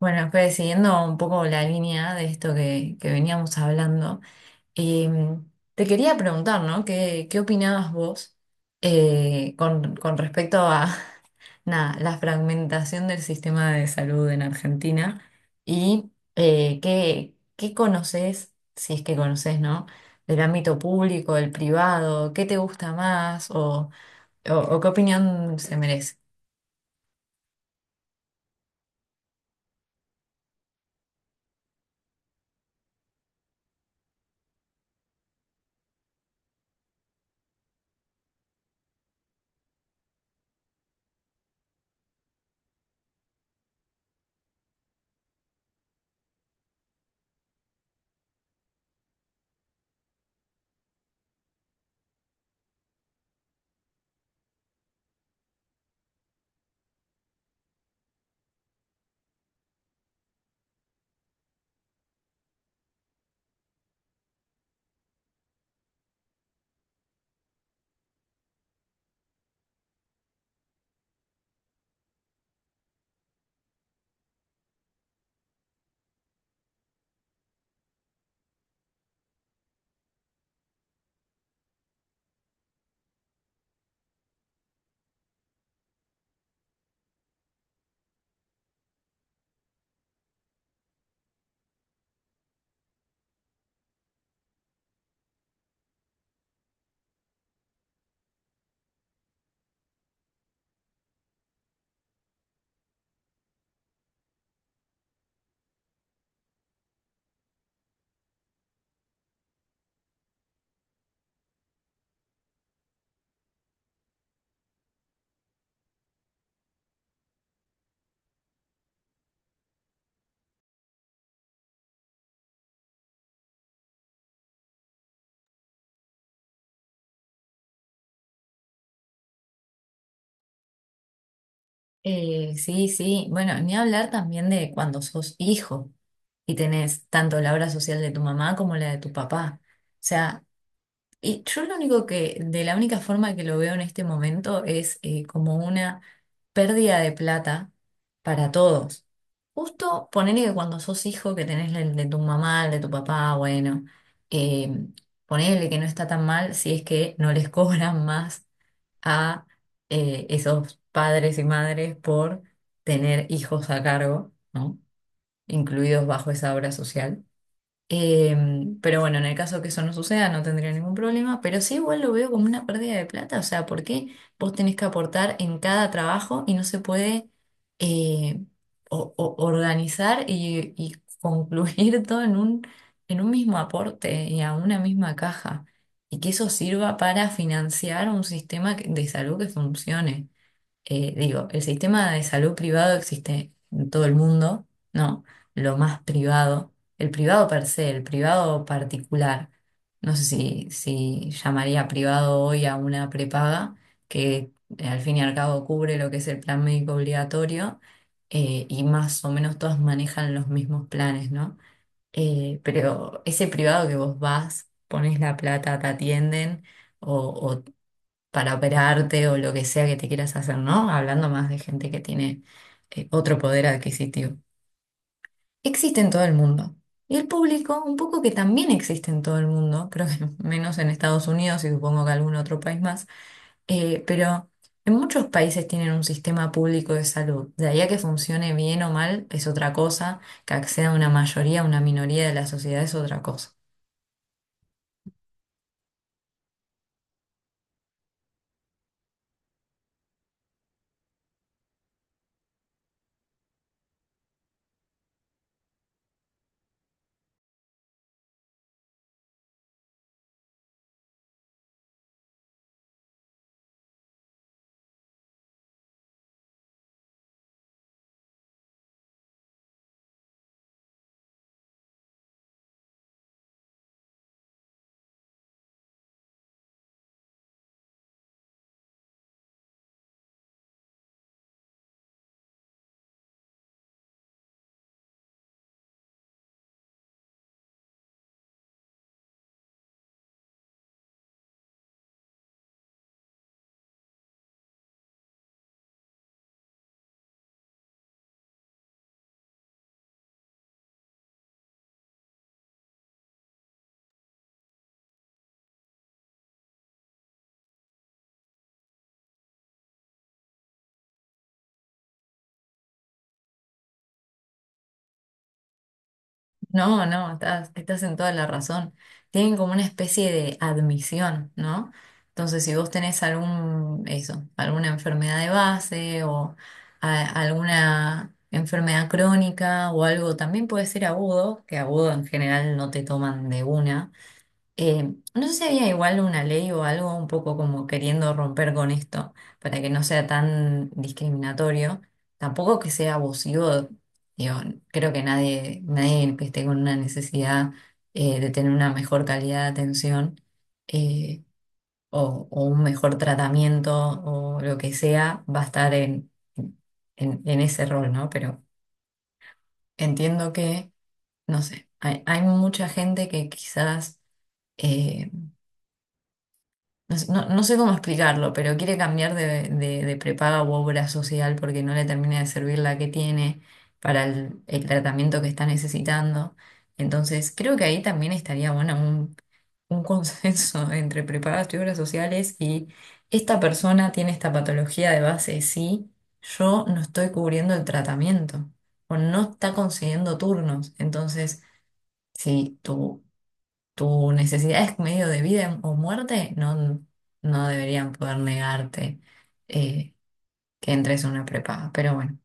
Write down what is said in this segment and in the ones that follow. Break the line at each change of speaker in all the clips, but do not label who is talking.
Bueno, pues siguiendo un poco la línea de esto que veníamos hablando, te quería preguntar, ¿no? ¿Qué opinabas vos con respecto a nada, la fragmentación del sistema de salud en Argentina y qué conoces, si es que conoces, ¿no? Del ámbito público, del privado, ¿qué te gusta más o qué opinión se merece? Sí, sí. Bueno, ni hablar también de cuando sos hijo y tenés tanto la obra social de tu mamá como la de tu papá. O sea, y yo lo único que, de la única forma que lo veo en este momento es como una pérdida de plata para todos. Justo ponele que cuando sos hijo que tenés el de tu mamá, el de tu papá, bueno, eh, ponele que no está tan mal si es que no les cobran más a esos padres y madres por tener hijos a cargo, ¿no? Incluidos bajo esa obra social. Eh, pero bueno, en el caso que eso no suceda, no tendría ningún problema, pero sí igual lo veo como una pérdida de plata, o sea, ¿por qué vos tenés que aportar en cada trabajo y no se puede eh, organizar y concluir todo en un mismo aporte y a una misma caja? Y que eso sirva para financiar un sistema de salud que funcione. Digo, el sistema de salud privado existe en todo el mundo, ¿no? Lo más privado, el privado per se, el privado particular. No sé si, si llamaría privado hoy a una prepaga que al fin y al cabo cubre lo que es el plan médico obligatorio. Y más o menos todas manejan los mismos planes, ¿no? Pero ese privado que vos vas, pones la plata, te atienden o para operarte o lo que sea que te quieras hacer, ¿no? Hablando más de gente que tiene otro poder adquisitivo. Existe en todo el mundo. Y el público, un poco que también existe en todo el mundo, creo que menos en Estados Unidos y supongo que algún otro país más, pero en muchos países tienen un sistema público de salud. De ahí a que funcione bien o mal es otra cosa, que acceda a una mayoría, a una minoría de la sociedad es otra cosa. No, no, estás en toda la razón. Tienen como una especie de admisión, ¿no? Entonces, si vos tenés algún, eso, alguna enfermedad de base o alguna enfermedad crónica o algo, también puede ser agudo, que agudo en general no te toman de una. Eh, no sé si había igual una ley o algo un poco como queriendo romper con esto para que no sea tan discriminatorio, tampoco que sea abusivo. Digo, creo que nadie, nadie que esté con una necesidad de tener una mejor calidad de atención eh, o un mejor tratamiento o lo que sea va a estar en ese rol, ¿no? Pero entiendo que, no sé, hay mucha gente que quizás eh, No, sé no sé cómo explicarlo, pero quiere cambiar de, de prepaga u obra social porque no le termina de servir la que tiene para el tratamiento que está necesitando. Entonces, creo que ahí también estaría bueno un consenso entre prepagas y obras sociales y esta persona tiene esta patología de base, sí, yo no estoy cubriendo el tratamiento o no está consiguiendo turnos. Entonces, si tu necesidad es medio de vida o muerte, no, no deberían poder negarte eh, que entres a una prepaga. Pero bueno,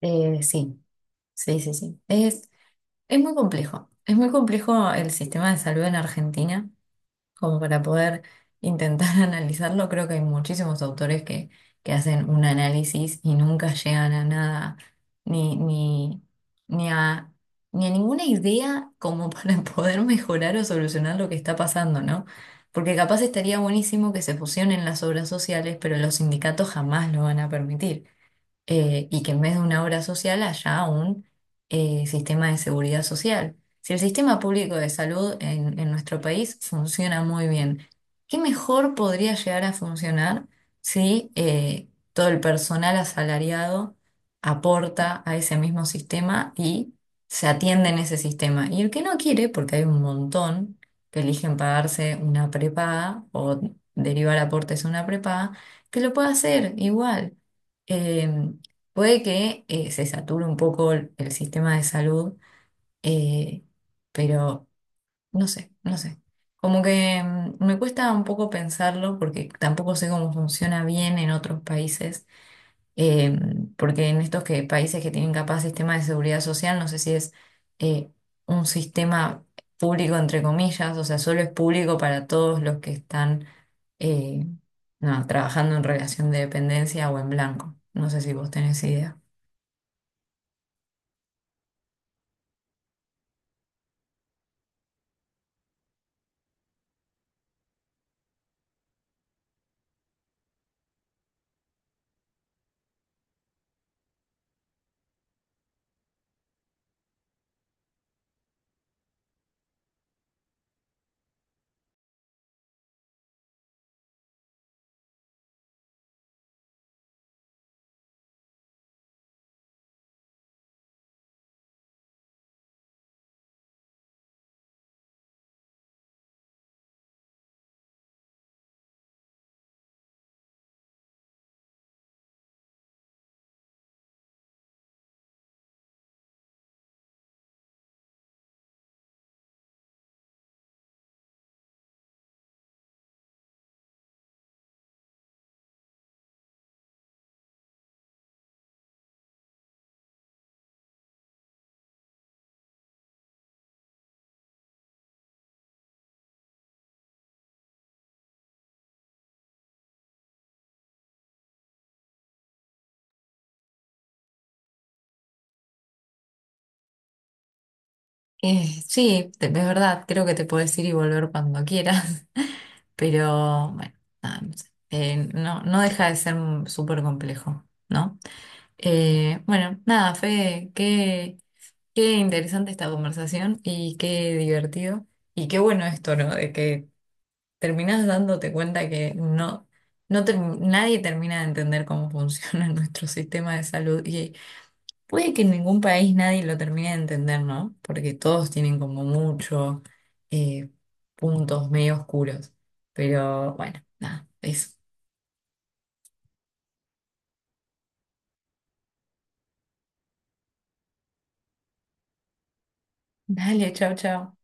sí, sí, sí, sí. Es muy complejo. Es muy complejo el sistema de salud en Argentina, como para poder intentar analizarlo. Creo que hay muchísimos autores que hacen un análisis y nunca llegan a nada, ni, ni, ni a, ni a ninguna idea como para poder mejorar o solucionar lo que está pasando, ¿no? Porque capaz estaría buenísimo que se fusionen las obras sociales, pero los sindicatos jamás lo van a permitir y que en vez de una obra social haya un sistema de seguridad social. Si el sistema público de salud en nuestro país funciona muy bien, ¿qué mejor podría llegar a funcionar si todo el personal asalariado aporta a ese mismo sistema y se atiende en ese sistema? Y el que no quiere, porque hay un montón que eligen pagarse una prepaga o derivar aportes a una prepaga, que lo pueda hacer igual. Em, Puede que se sature un poco el sistema de salud, eh, pero no sé, no sé. Como que mm, me cuesta un poco pensarlo porque tampoco sé cómo funciona bien en otros países, eh, porque en estos que, países que tienen capaz sistema de seguridad social, no sé si es eh, un sistema público entre comillas, o sea, solo es público para todos los que están eh, no, trabajando en relación de dependencia o en blanco. No sé si vos tenés idea. Sí, te- es verdad, creo que te puedes ir y volver cuando quieras, pero bueno, nada, no sé. No, no deja de ser súper complejo, ¿no? Bueno, nada, Fede, qué interesante esta conversación y qué divertido y qué bueno esto, ¿no? De que terminás dándote cuenta que no, nadie termina de entender cómo funciona nuestro sistema de salud. Puede que en ningún país nadie lo termine de entender, ¿no? Porque todos tienen como muchos puntos medio oscuros. Pero bueno, nada, eso. Dale, chao, chao.